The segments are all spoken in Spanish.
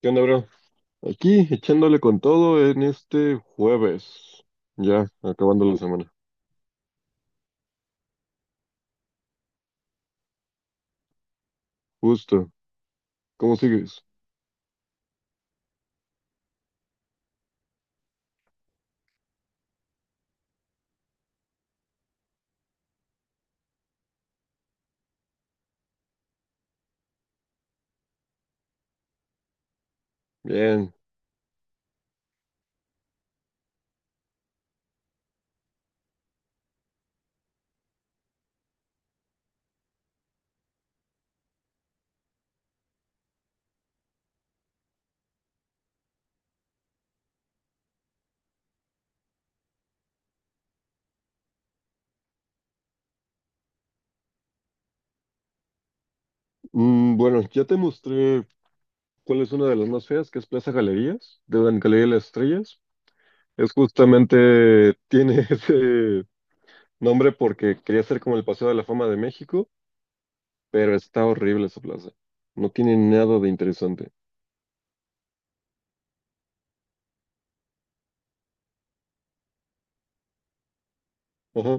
¿Qué onda, bro? Aquí echándole con todo en este jueves. Ya, acabando la semana. Justo. ¿Cómo sigues? Bien. Bueno, ya te mostré cuál es una de las más feas, que es Plaza Galerías, de la Galería de las Estrellas. Es justamente, tiene ese nombre porque quería ser como el Paseo de la Fama de México, pero está horrible esa plaza. No tiene nada de interesante. Ajá.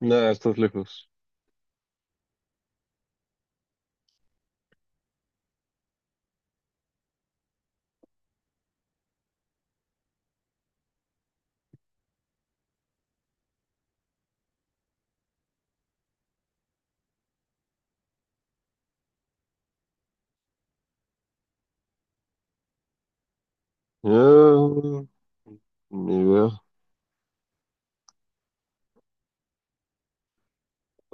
Nada, estás lejos. Ah, ni idea.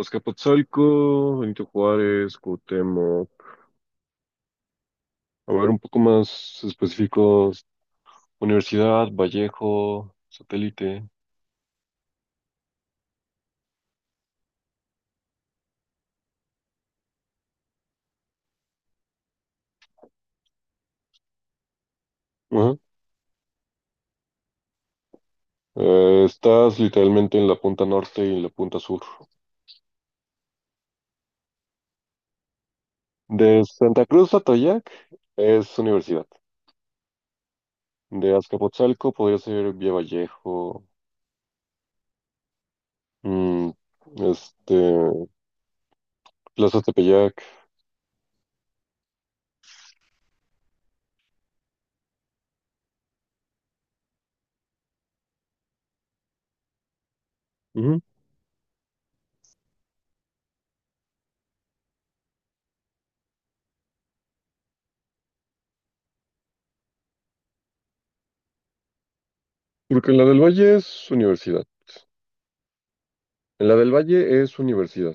Azcapotzalco, Benito Juárez, Cuauhtémoc. A ver, un poco más específicos. Universidad, Vallejo, Satélite. Ajá. Estás literalmente en la punta norte y en la punta sur. De Santa Cruz a Atoyac es universidad. De Azcapotzalco podría ser Vía Vallejo, mm, este, Plaza Tepeyac. Ujú. Porque en la del Valle es universidad. En la del Valle es universidad.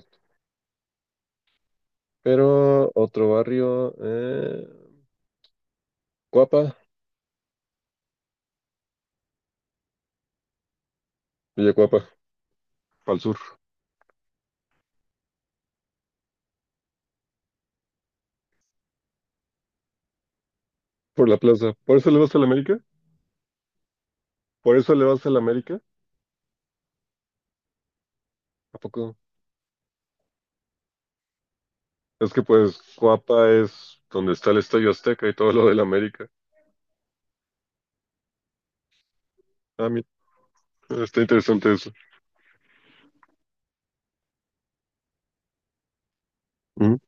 Pero otro barrio, Cuapa, Villacuapa, al sur, por la plaza. ¿Por eso le vas a la América? ¿Por eso le vas a la América? ¿A poco? Es que pues Cuapa es donde está el Estadio Azteca y todo lo de la América. Ah, mira, está interesante eso. Ujú.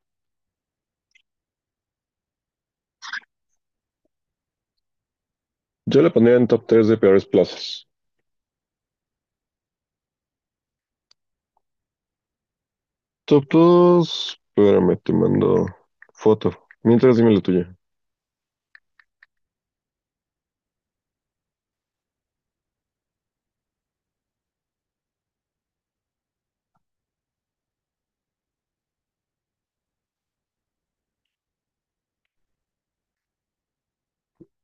Yo la pondría en top tres de peores plazas. Top 2, espérame, te mando foto. Mientras dime la tuya.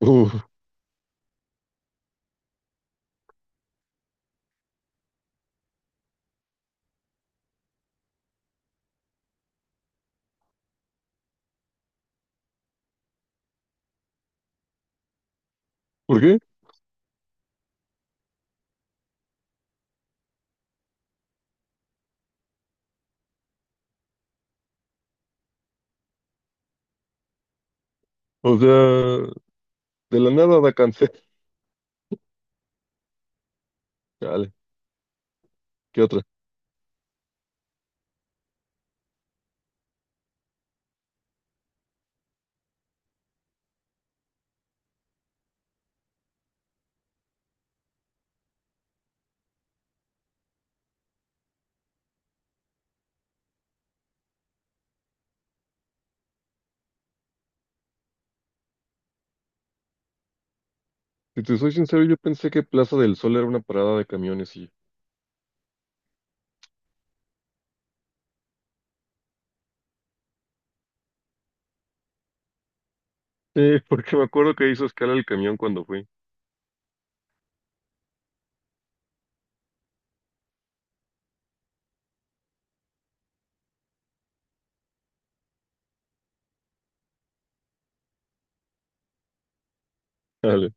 Uf, ¿por qué? O sea, de la nada da cáncer. Dale, ¿qué otra? Si te soy sincero, yo pensé que Plaza del Sol era una parada de camiones y sí, porque me acuerdo que hizo escala el camión cuando fui. Dale.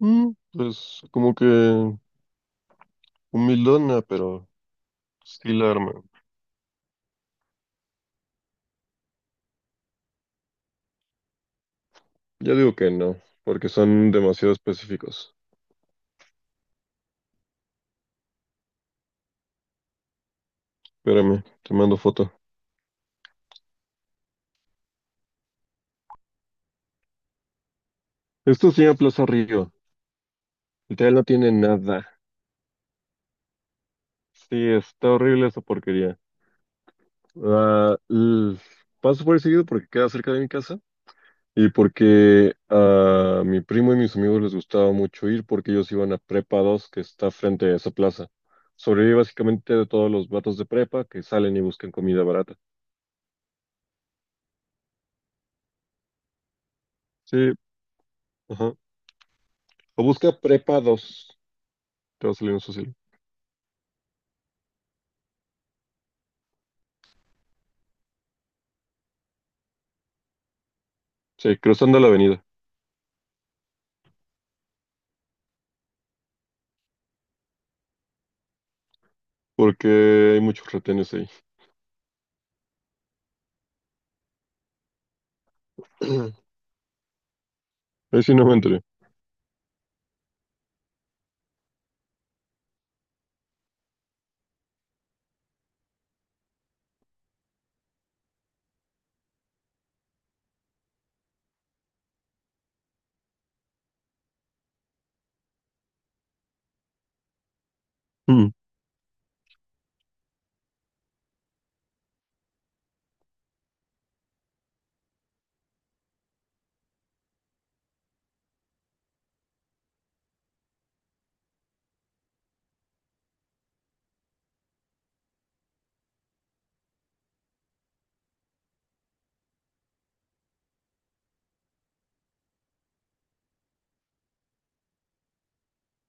Mm, pues como que humildona, pero sí la arma. Ya digo que no, porque son demasiado específicos. Espérame, te mando foto. Esto se llama Plaza Río. Literal no tiene nada. Sí, está horrible esa porquería. Ah, l- Paso por ahí seguido porque queda cerca de mi casa. Y porque a mi primo y mis amigos les gustaba mucho ir porque ellos iban a Prepa Dos que está frente a esa plaza. Sobrevive básicamente de todos los vatos de prepa que salen y buscan comida barata. Sí, ajá. O busca Prepa Dos. Te va a salir un social. Sí, cruzando la avenida. Porque hay muchos retenes ahí. Ahí sí no me enteré. Mm,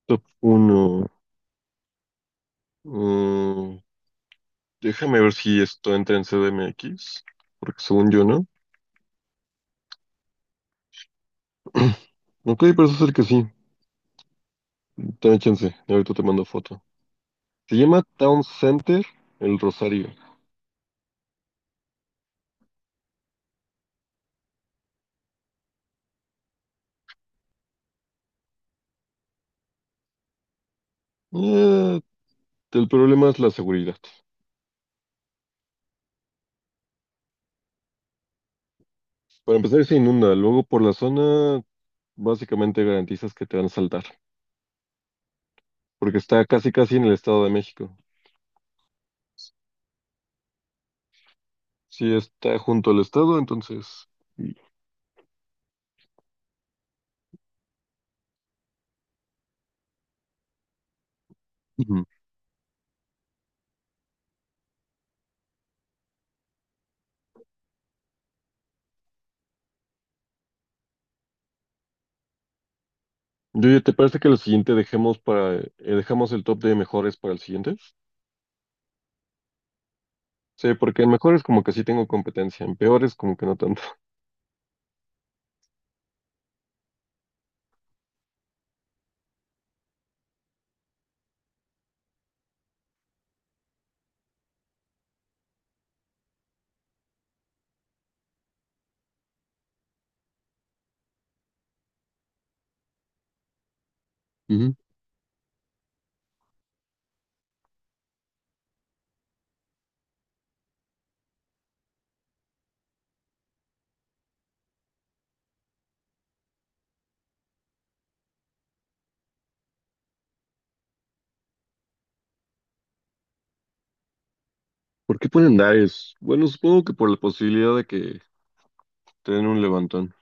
top 1. Déjame ver si esto entra en CDMX. Porque según yo no. Ok, parece ser que sí. Ten chance, y ahorita te mando foto. Se llama Town Center El Rosario. Eh, el problema es la seguridad. Para empezar, se inunda. Luego, por la zona, básicamente garantizas que te van a saltar. Porque está casi, casi en el Estado de México. Sí, está junto al Estado, entonces. Ujú. Yo, ¿te parece que lo siguiente dejemos para, dejamos el top de mejores para el siguiente? Sí, porque en mejores como que sí tengo competencia, en peores como que no tanto. Ujú. ¿Por qué ponen Dares? Bueno, supongo que por la posibilidad de que te den un levantón.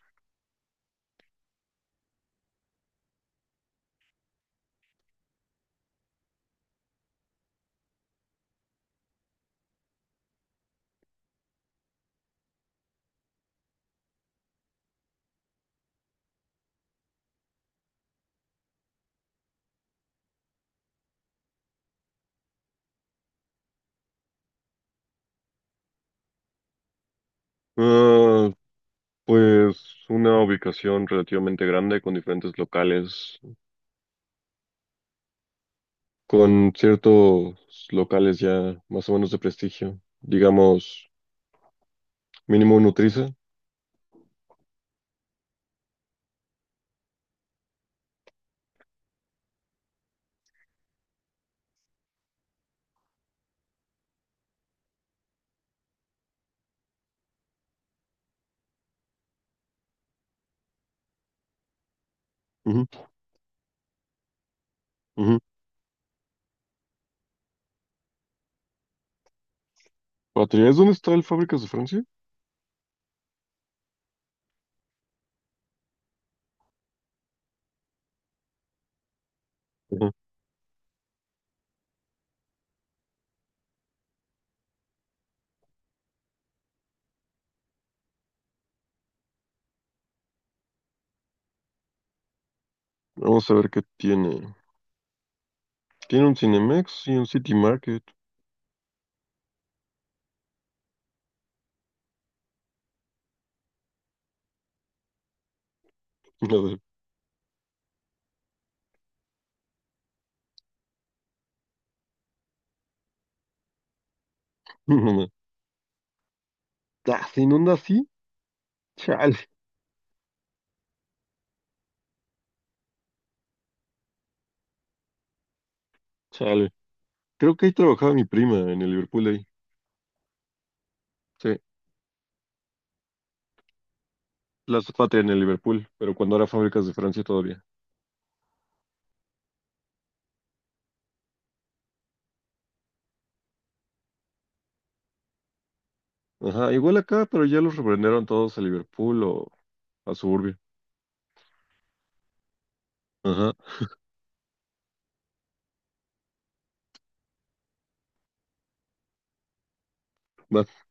Ah, pues una ubicación relativamente grande con diferentes locales, con ciertos locales ya más o menos de prestigio. Digamos, mínimo Nutriza. Ujú, ujú. Patria, ¿es dónde está el Fábricas de Francia? Ujú. Vamos a ver qué tiene. Tiene un Cinemex y un City Market. A ver. Ah, ¿se inunda así? Chale, chale. Creo que ahí trabajaba mi prima en el Liverpool ahí. Sí, la Patria en el Liverpool, pero cuando era Fábricas de Francia todavía. Ajá, igual acá, pero ya los reprendieron todos a Liverpool o a Suburbia. Ajá. Va.